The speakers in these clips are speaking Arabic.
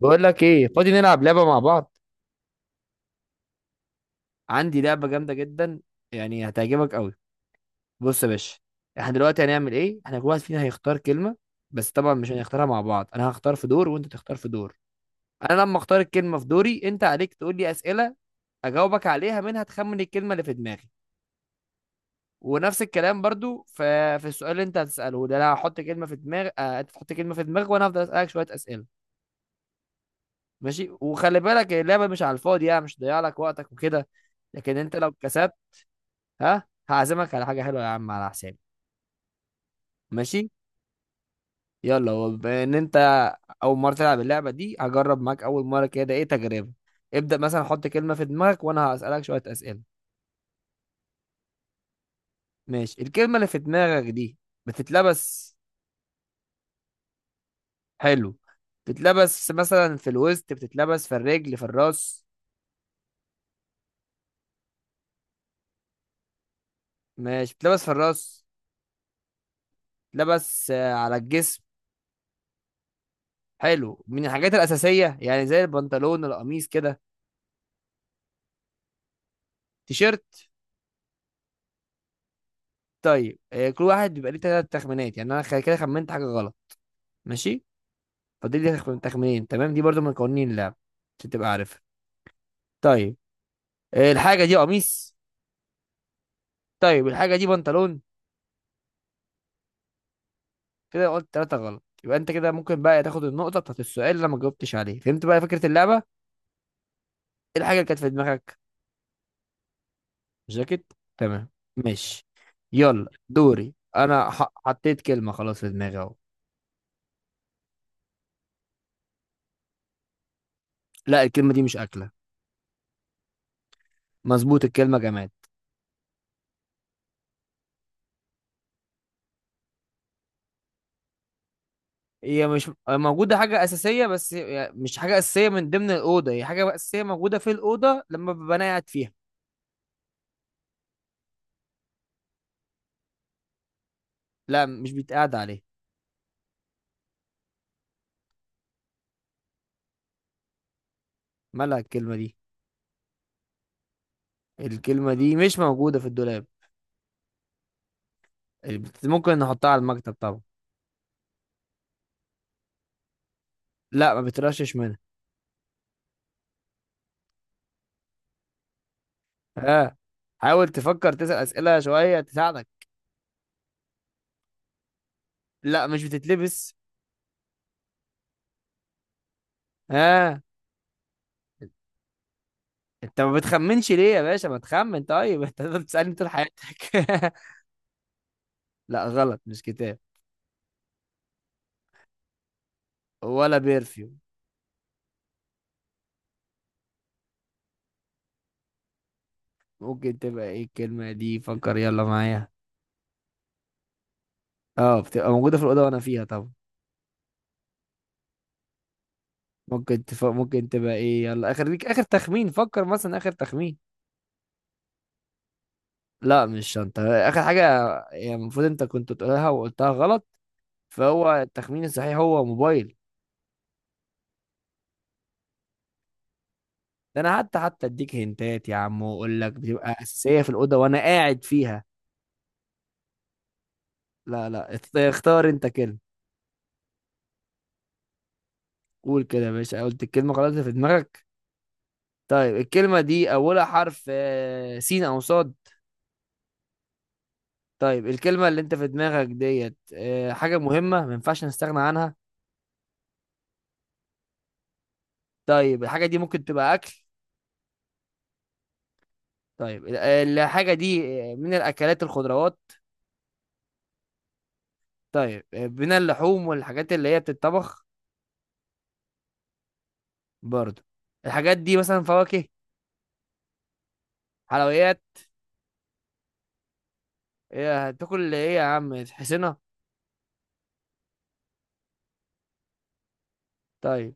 بقول لك ايه؟ فاضي نلعب لعبه مع بعض. عندي لعبه جامده جدا، يعني هتعجبك قوي. بص يا باشا، احنا دلوقتي هنعمل ايه. احنا كل واحد فينا هيختار كلمه، بس طبعا مش هنختارها مع بعض. انا هختار في دور وانت تختار في دور. انا لما اختار الكلمه في دوري، انت عليك تقول لي اسئله اجاوبك عليها، منها تخمن الكلمه اللي في دماغي. ونفس الكلام برضو في السؤال اللي انت هتساله ده، انا هحط كلمه في دماغ انت تحط كلمه في دماغك وانا هفضل اسالك شويه اسئله. ماشي، وخلي بالك اللعبه مش على الفاضي، يعني مش ضيع لك وقتك وكده، لكن انت لو كسبت ها هعزمك على حاجة حلوة يا عم على حسابي. ماشي، يلا. وبما ان انت اول مرة تلعب اللعبة دي، هجرب معاك اول مرة كده، ايه تجربة. ابدأ مثلا حط كلمة في دماغك وانا هسألك شوية أسئلة. ماشي، الكلمة اللي في دماغك دي بتتلبس؟ حلو. بتتلبس مثلا في الوسط، بتتلبس في الرجل، في الراس؟ ماشي، بتتلبس في الراس؟ بتتلبس على الجسم؟ حلو، من الحاجات الأساسية يعني زي البنطلون القميص كده؟ تيشيرت؟ طيب كل واحد بيبقى ليه ثلاث تخمينات، يعني انا كده خمنت حاجه غلط. ماشي، فاضل لي تخمينين، تمام؟ دي برضو من قوانين اللعب عشان تبقى عارف. طيب الحاجه دي قميص؟ طيب الحاجه دي بنطلون؟ كده قلت ثلاثه غلط، يبقى انت كده ممكن بقى تاخد النقطه بتاعت السؤال اللي أنا ما جاوبتش عليه. فهمت بقى فكره اللعبه؟ ايه الحاجه اللي كانت في دماغك؟ جاكيت، تمام. ماشي، يلا دوري انا. حطيت كلمه خلاص في دماغي اهو. لا، الكلمه دي مش اكله. مظبوط، الكلمه جماد. هي مش موجودة حاجة أساسية، بس مش حاجة أساسية من ضمن الأوضة، هي حاجة أساسية موجودة في الأوضة لما ببقى أنا قاعد فيها. لا مش بيتقعد عليها. مالها الكلمة دي. الكلمة دي مش موجودة في الدولاب. ممكن نحطها على المكتب طبعا. لا ما بترشش منها. ها، حاول تفكر، تسأل أسئلة شوية تساعدك. لا مش بتتلبس. ها، انت ما بتخمنش ليه يا باشا؟ ما تخمن طيب. انت هتفضل تسألني طول حياتك. لا غلط، مش كتاب. ولا بيرفيوم. ممكن تبقى ايه الكلمة دي؟ فكر يلا معايا. اه بتبقى موجودة في الأوضة وأنا فيها طبعا. ممكن ممكن تبقى ايه؟ يلا آخر ليك، آخر تخمين، فكر مثلا آخر تخمين. لا مش شنطة. آخر حاجة، يعني المفروض أنت كنت تقولها وقلتها غلط، فهو التخمين الصحيح هو موبايل. ده أنا حتى أديك هنتات يا عم وأقول لك بتبقى أساسية في الأوضة وأنا قاعد فيها. لا لا، اختار أنت كلمة. قول كده يا باشا، قلت الكلمة خلاص اللي في دماغك؟ طيب الكلمة دي أولها حرف سين أو صاد؟ طيب الكلمة اللي انت في دماغك ديت حاجة مهمة ما ينفعش نستغنى عنها؟ طيب الحاجة دي ممكن تبقى أكل؟ طيب الحاجة دي من الأكلات الخضروات؟ طيب من اللحوم والحاجات اللي هي بتتطبخ؟ برضو الحاجات دي مثلا فواكه؟ حلويات؟ إيه، هتاكل ايه يا عم؟ تحسنها. طيب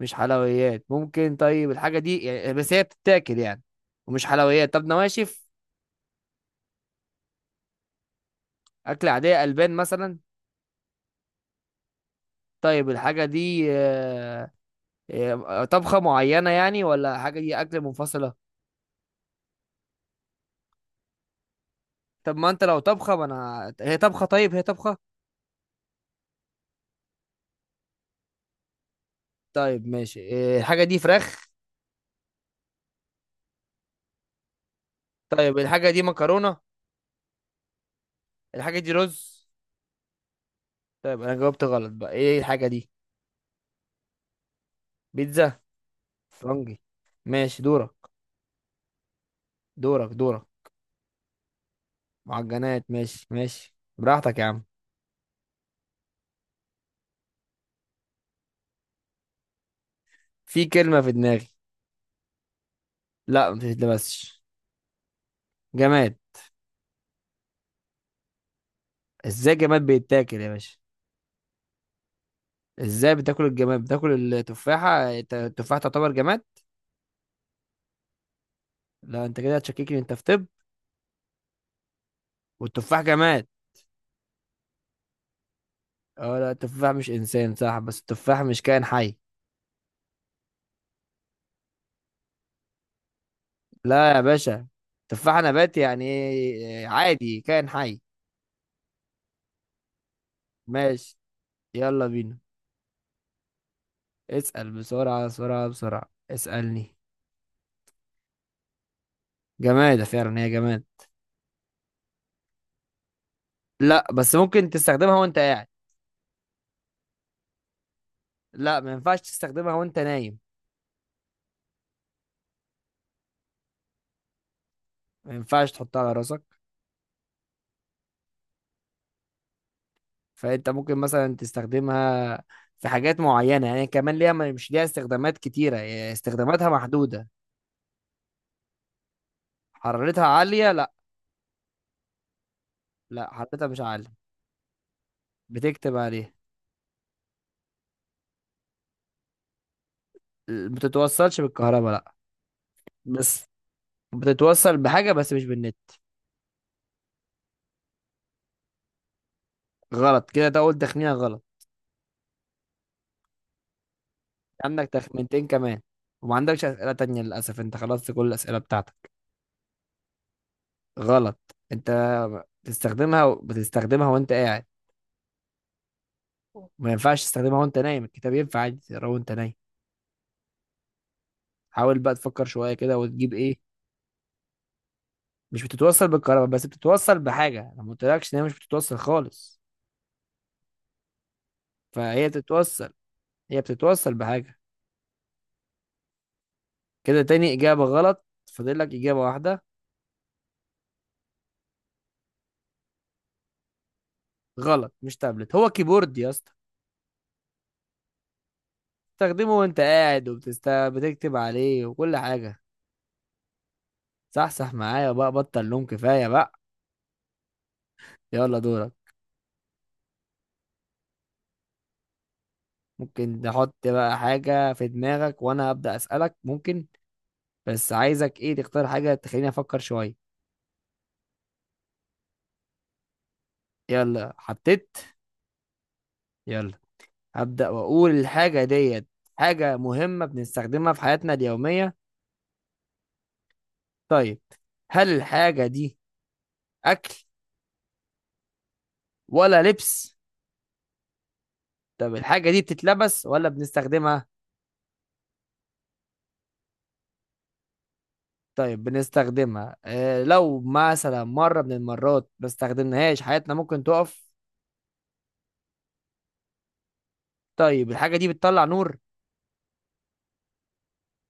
مش حلويات ممكن. طيب الحاجة دي يعني، بس هي بتتاكل يعني ومش حلويات، طب نواشف؟ أكل عادية، ألبان مثلا؟ طيب الحاجة دي آه، إيه، طبخة معينة يعني ولا حاجة دي أكل منفصلة؟ طب ما أنت لو طبخة ما أنا هي طبخة، طيب هي طبخة؟ طيب ماشي، إيه، الحاجة دي فراخ؟ طيب الحاجة دي مكرونة؟ الحاجة دي رز؟ طيب أنا جاوبت غلط، بقى إيه الحاجة دي؟ بيتزا، فرنجي. ماشي دورك. دورك دورك. معجنات. ماشي ماشي، براحتك يا عم. في كلمة في دماغي. لا ما تتلبسش. جماد. ازاي جماد بيتاكل يا باشا؟ ازاي بتاكل الجماد؟ بتاكل التفاحة، التفاحة تعتبر جماد؟ لا انت كده هتشككني انت، في طب؟ والتفاح جماد؟ اه لا، التفاح مش انسان صح، بس التفاح مش كائن حي. لا يا باشا، تفاح نبات يعني ايه؟ عادي كائن حي. ماشي، يلا بينا. اسأل بسرعة بسرعة بسرعة، اسألني. جماد، فعلا هي جماد. لا بس ممكن تستخدمها وانت قاعد. لا ما ينفعش تستخدمها وانت نايم. ما ينفعش تحطها على راسك. فانت ممكن مثلا تستخدمها في حاجات معينة، يعني كمان ليها، مش ليها استخدامات كتيرة، يعني استخداماتها محدودة. حرارتها عالية؟ لا. لا حرارتها مش عالية. بتكتب عليها. بتتوصلش بالكهرباء لا، بس بتتوصل بحاجة بس مش بالنت. غلط كده، ده اول تخمينة غلط. عندك تخمينتين كمان، وما عندكش أسئلة تانية، للأسف انت خلصت كل الأسئلة بتاعتك. غلط انت، بتستخدمها، بتستخدمها وانت قاعد، ما ينفعش تستخدمها وانت نايم. الكتاب ينفع عادي تقراه وانت نايم. حاول بقى تفكر شوية كده وتجيب ايه. مش بتتوصل بالكهرباء، بس بتتوصل بحاجة، انا ما قلتلكش ان هي مش بتتوصل خالص، فهي تتوصل. هي بتتوصل بحاجة. كده تاني إجابة غلط، فاضل لك إجابة واحدة. غلط، مش تابلت، هو كيبورد يا اسطى. بتستخدمه وانت قاعد، وبتست بتكتب عليه وكل حاجة. صح صح، معايا بقى، بطل نوم، كفاية بقى. يلا دورك. ممكن تحط بقى حاجة في دماغك وأنا أبدأ أسألك؟ ممكن، بس عايزك إيه، تختار حاجة تخليني أفكر شوية. يلا حطيت. يلا، هبدأ وأقول الحاجة ديت حاجة مهمة بنستخدمها في حياتنا اليومية. طيب هل الحاجة دي أكل ولا لبس؟ طب الحاجة دي بتتلبس ولا بنستخدمها؟ طيب بنستخدمها، آه لو مثلا مرة من المرات ما استخدمناهاش حياتنا ممكن تقف؟ طيب الحاجة دي بتطلع نور؟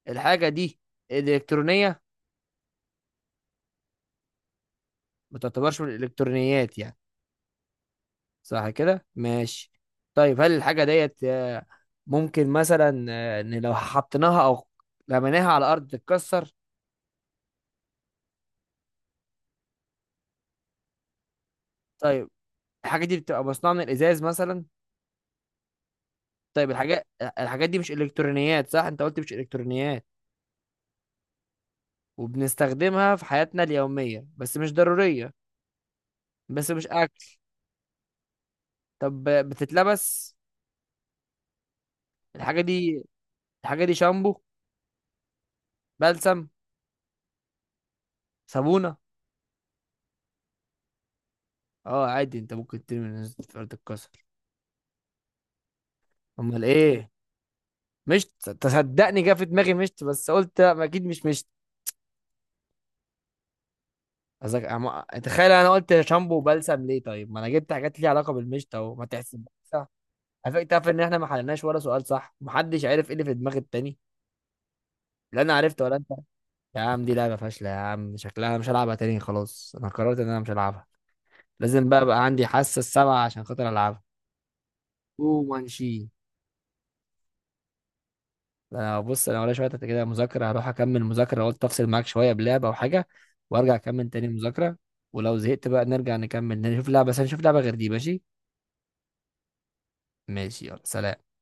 الحاجة دي إلكترونية؟ ما تعتبرش من الإلكترونيات يعني؟ صح كده، ماشي. طيب هل الحاجة ديت ممكن مثلا إن لو حطيناها أو رميناها على الأرض تتكسر؟ طيب الحاجة دي بتبقى مصنوعة من الإزاز مثلا؟ طيب الحاجات، الحاجات دي مش إلكترونيات صح، أنت قلت مش إلكترونيات، وبنستخدمها في حياتنا اليومية بس مش ضرورية، بس مش أكل. طب بتتلبس؟ الحاجة دي، الحاجة دي شامبو؟ بلسم؟ صابونة؟ اه عادي، انت ممكن ترمي من فرد الكسر. امال ايه؟ مشت؟ تصدقني جه في دماغي مشت بس قلت لا، ما اكيد مش مشت. قصدك تخيل انا قلت شامبو وبلسم ليه، طيب ما انا جبت حاجات ليها علاقة بالمشت اهو، ما تحسب صح. على فكرة تعرف ان احنا ما حلناش ولا سؤال صح؟ محدش عرف ايه اللي في دماغ التاني. لا انا عرفت ولا. يا عم دي لعبة فاشلة، يا عم شكلها مش هلعبها تاني، خلاص انا قررت ان انا مش هلعبها. لازم بقى عندي حاسة السبعة عشان خاطر العبها. او مانشي. انا بص، انا ولا شوية كده مذاكرة، هروح اكمل مذاكرة، قلت افصل معاك شوية بلعبة او حاجة وارجع اكمل تاني مذاكرة. ولو زهقت بقى نرجع نكمل، نشوف لعبة، بس نشوف لعبة غير دي، ماشي؟ ماشي يلا، سلام.